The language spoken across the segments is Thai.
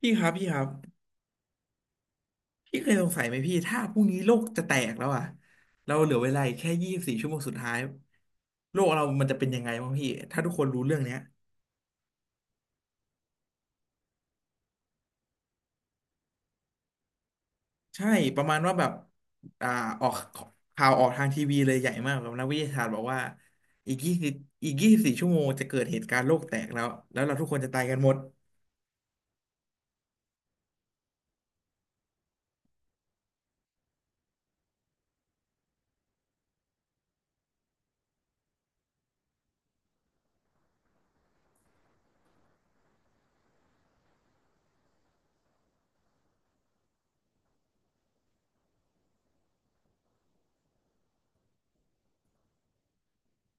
พี่ครับพี่ครับพี่เคยสงสัยไหมพี่ถ้าพรุ่งนี้โลกจะแตกแล้วอะเราเหลือเวลาอีกแค่ยี่สิบสี่ชั่วโมงสุดท้ายโลกเรามันจะเป็นยังไงบ้างพี่ถ้าทุกคนรู้เรื่องเนี้ยใช่ประมาณว่าแบบอ่าออกข่าวออกทางทีวีเลยใหญ่มากแบบนักวิทยาศาสตร์บอกว่าอีกยี่สิบอีกยี่สิบสี่ชั่วโมงจะเกิดเหตุการณ์โลกแตกแล้วแล้วเราทุกคนจะตายกันหมด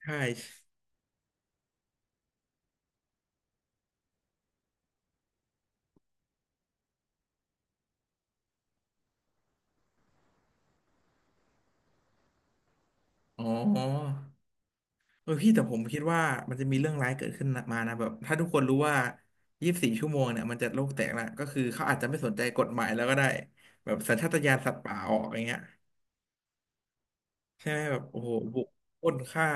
ใช่อ๋อ เออพี่แต่ผมคิดว่ามันจะมีเรื่องร้ายเกิดขึ้นมานะแบบถ้าทุกคนรู้ว่ายี่สิบสี่ชั่วโมงเนี่ยมันจะโลกแตกละก็คือเขาอาจจะไม่สนใจกฎหมายแล้วก็ได้แบบสัญชาตญาณสัตว์ป่าออกอย่างเงี้ยใช่ไหมแบบโอ้โหบุกปล้นฆ่า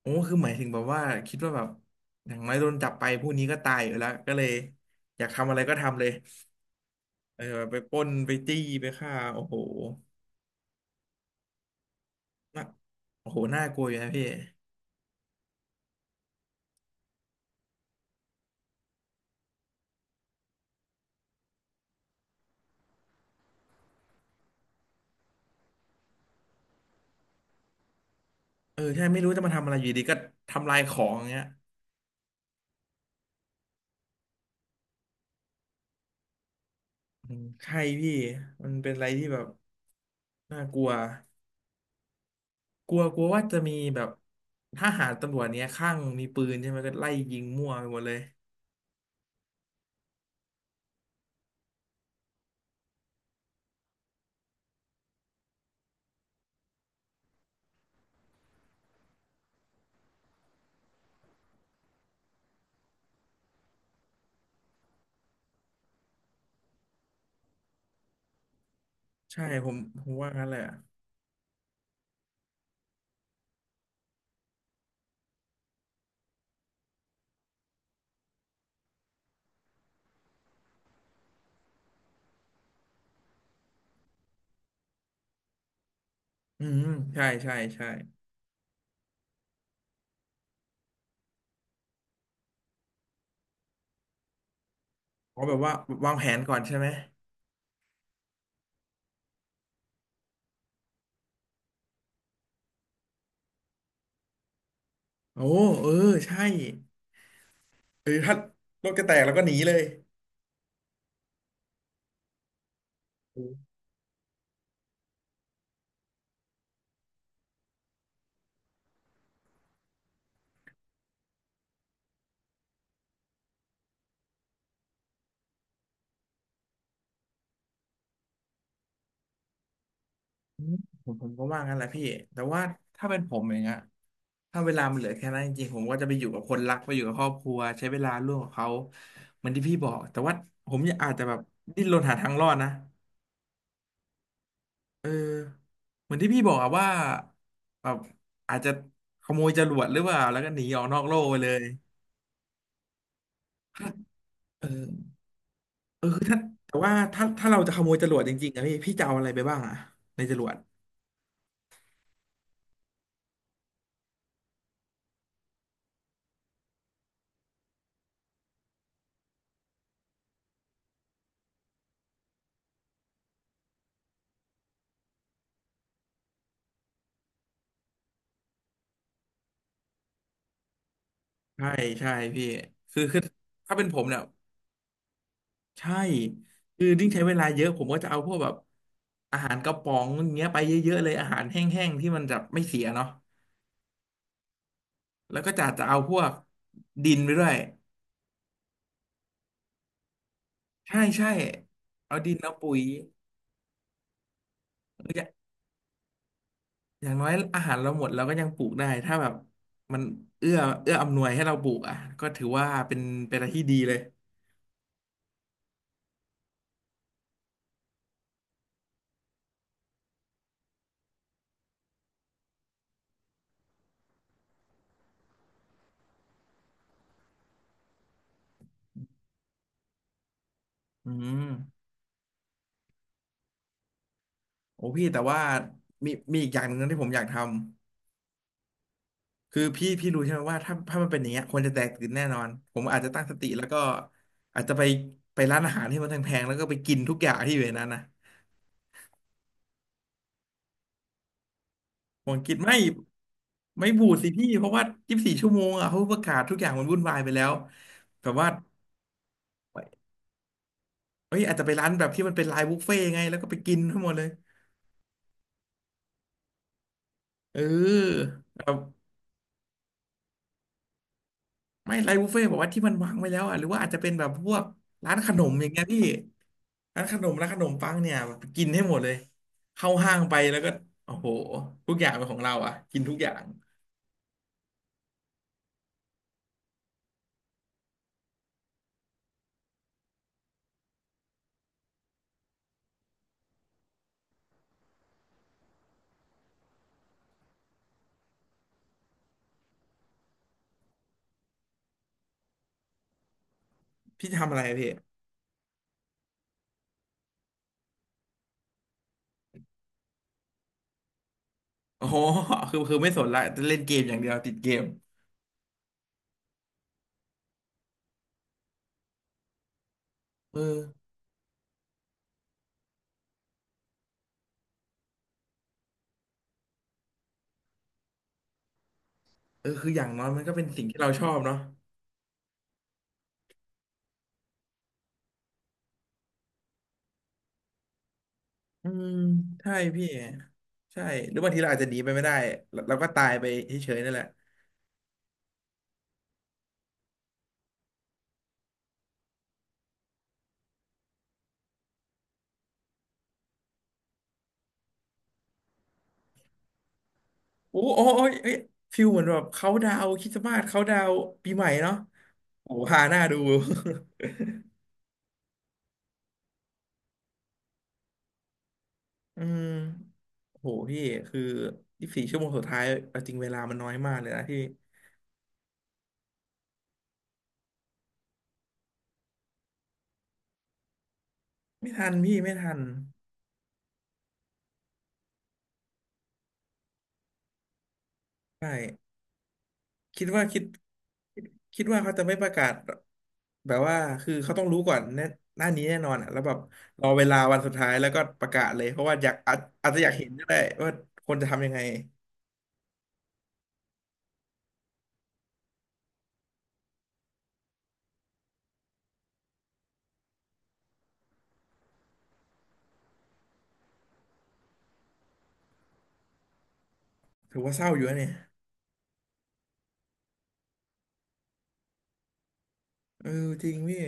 โอ้คือหมายถึงแบบว่าคิดว่าแบบอย่างน้อยโดนจับไปผู้นี้ก็ตายอยู่แล้วก็เลยอยากทำอะไรก็ทำเลยเออแบบไปปล้นไปจี้ไปฆ่าน่าโอ้โหน่ากลัวอยู่นะพี่เออใช่ไม่รู้จะมาทำอะไรอยู่ดีก็ทำลายของอย่างเงี้ย อืมใช่พี่มันเป็นอะไรที่แบบน่ากลัวกลัวกลัวว่าจะมีแบบทหารตำรวจเนี้ยข้างมีปืนใช่ไหมก็ไล่ยิงมั่วไปหมดเลยใช่ผมว่างั้นแหละอืมใช่ใช่ใช่อ๋อแบบว่าวางแผนก่อนใช่ไหมโอ้เออใช่เออถ้ารถจะแตกแล้วก็หนีเลย อืมผมก็ว่างั้นแหละพี่แต่ว่าถ้าเป็นผมอย่างเงี้ยถ้าเวลามันเหลือแค่นั้นจริงๆผมก็จะไปอยู่กับคนรักไปอยู่กับครอบครัวใช้เวลาร่วมกับเขาเหมือนที่พี่บอกแต่ว่าผมอยากอาจจะแบบดิ้นรนหาทางรอดนะเออเหมือนที่พี่บอกอะว่าแบบอาจจะขโมยจรวดหรือเปล่าแล้วก็หนีออกนอกโลกไปเลยเออเอคือถ้าแต่ว่าถ้าเราจะขโมยจรวดจริงๆอะพี่จะเอาอะไรไปบ้างอะในจรวดใช่ใช่พี่คือถ้าเป็นผมเนี่ย ใช่คือดิ้งใช้เวลาเยอะผมก็จะเอาพวกแบบอาหารกระป๋องอย่างเงี้ยไปเยอะๆเลยอาหารแห้งๆที่มันจะไม่เสียเนาะแล้วก็จะเอาพวกดินไปด้วยใช่ใช่เอาดินเอาปุ๋ยอย่าอย่างน้อยอาหารเราหมดเราก็ยังปลูกได้ถ้าแบบมันเอื้อเอื้ออำนวยให้เราปลูกอ่ะก็ถือว่าเป็นเป็นอะไรที่ดีเลยอืมโอ้พี่แต่ว่ามีอีกอย่างหนึ่งนะที่ผมอยากทำ คือพี่รู้ใช่ไหมว่าถ้ามันเป็นอย่างเงี้ยคนจะแตกตื่นแน่นอนผมอาจจะตั้งสติแล้วก็อาจจะไปร้านอาหารที่มันแพงๆแล้วก็ไปกินทุกอย่างที่อยู่ในนั้นนะผมคิดไม่บูดสิพี่เพราะว่ายี่สิบสี่ชั่วโมงอ่ะเขาประกาศทุกอย่างมันวุ่นวายไปแล้วแบบว่าเอ้ยอาจจะไปร้านแบบที่มันเป็นไลน์บุฟเฟ่ต์ไงแล้วก็ไปกินทั้งหมดเลยเออแบบไม่ไลน์บุฟเฟ่ต์บอกว่าที่มันวางไว้แล้วอ่ะหรือว่าอาจจะเป็นแบบพวกร้านขนมอย่างเงี้ยพี่ ร้านขนมร้านขนมปังเนี่ยกินให้หมดเลยเข้าห้างไปแล้วก็โอ้โหทุกอย่างเป็นของเราอ่ะกินทุกอย่างพี่ทำอะไรอะพี่โอ้โหคือไม่สนละจะเล่นเกมอย่างเดียวติดเกมเออเออคืออย่างน้อยมันก็เป็นสิ่งที่เราชอบเนาะอืมใช่พี่ใช่หรือบางทีเราอาจจะหนีไปไม่ได้เราก็ตายไปเฉยๆนั่นแหละโอ้ยเอ้ยฟิลเหมือนแบบเขาดาวคริสต์มาสเขาดาวปีใหม่เนาะโอ้โหฮาหน้าดู อืมโหพี่คือยี่สบสี่ชั่วโมงสุดท้ายเอาจริงเวลามันน้อยมากเลยนะที่ไม่ทันพี่ไม่ทันใช่คิดว่าคิดคิดว่าเขาจะไม่ประกาศแบบว่าคือเขาต้องรู้ก่อนแน่หน้านี้แน่นอนอ่ะแล้วแบบรอเวลาวันสุดท้ายแล้วก็ประกาศเลย เพราะว่าอยากอาจจะอยากเห็นก็ได้ว่าคนจะทำยังไงถือว่าเศร้าอยู่นะเนี่ยเออจริงพี่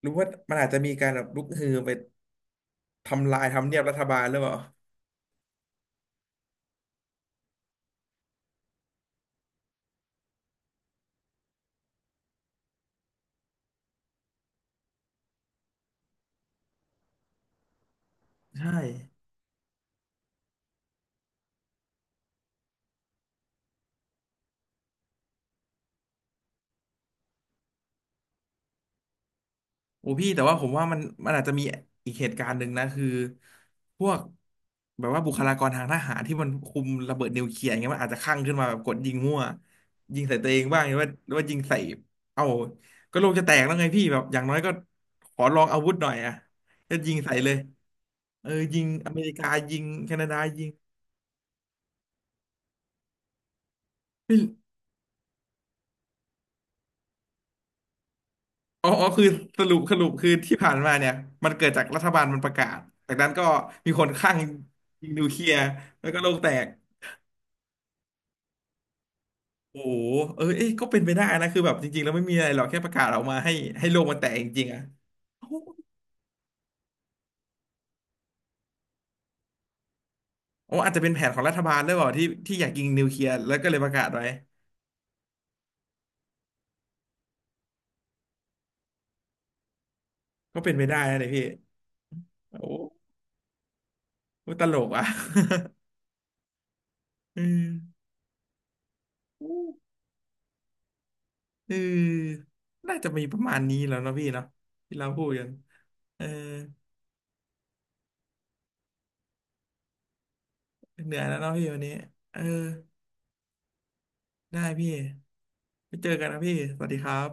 หรือว่ามันอาจจะมีการแบบลุกฮือไปทำลายทำเนียบรัฐบาลหรือเปล่าใช่ โอ้พี่แต่ว่าผมว่ามันอาจจะมีอีกเหตุการณ์หนึ่งนะคือพวกแบบว่าบุคลากรทางทหารที่มันคุมระเบิดนิวเคลียร์อย่างเงี้ยมันอาจจะคลั่งขึ้นมาแบบกดยิงมั่วยิงใส่ตัวเองบ้างหรือว่ายิงใส่เอ้าก็โลกจะแตกแล้วไงพี่แบบอย่างน้อยก็ขอลองอาวุธหน่อยอะก็ยิงใส่เลยเออยิงอเมริกายิงแคนาดายิงพี่อ๋อคือสรุปคือที่ผ่านมาเนี่ยมันเกิดจากรัฐบาลมันประกาศจากนั้นก็มีคนคลั่งยิงนิวเคลียร์แล้วก็โลกแตก โอ้โหเออเอ้ยก็เป็นไปได้นะ คือแบบจริงๆแล้วไม่มีอะไรหรอกแค่ประกาศออกมาให้ให้โลกมันแตกจริงๆอ่ะโอ้อาจจะเป็นแผนของรัฐบาลด้วยเปล่าที่ที่อยากยิงนิวเคลียร์แล้วก็เลยประกาศไว้ ก็เป็นไปได้นะเนี่ยพี่ โอ้โหตลกอ่ะ เออเออน่าจะมีประมาณนี้แล้วเนาะพี่เนาะที่เราพูดกันเออเหนื่อยแล้วเนาะพี่วันนี้ เออได้พี่ ไปเจอกันนะพี่สวัสดีครับ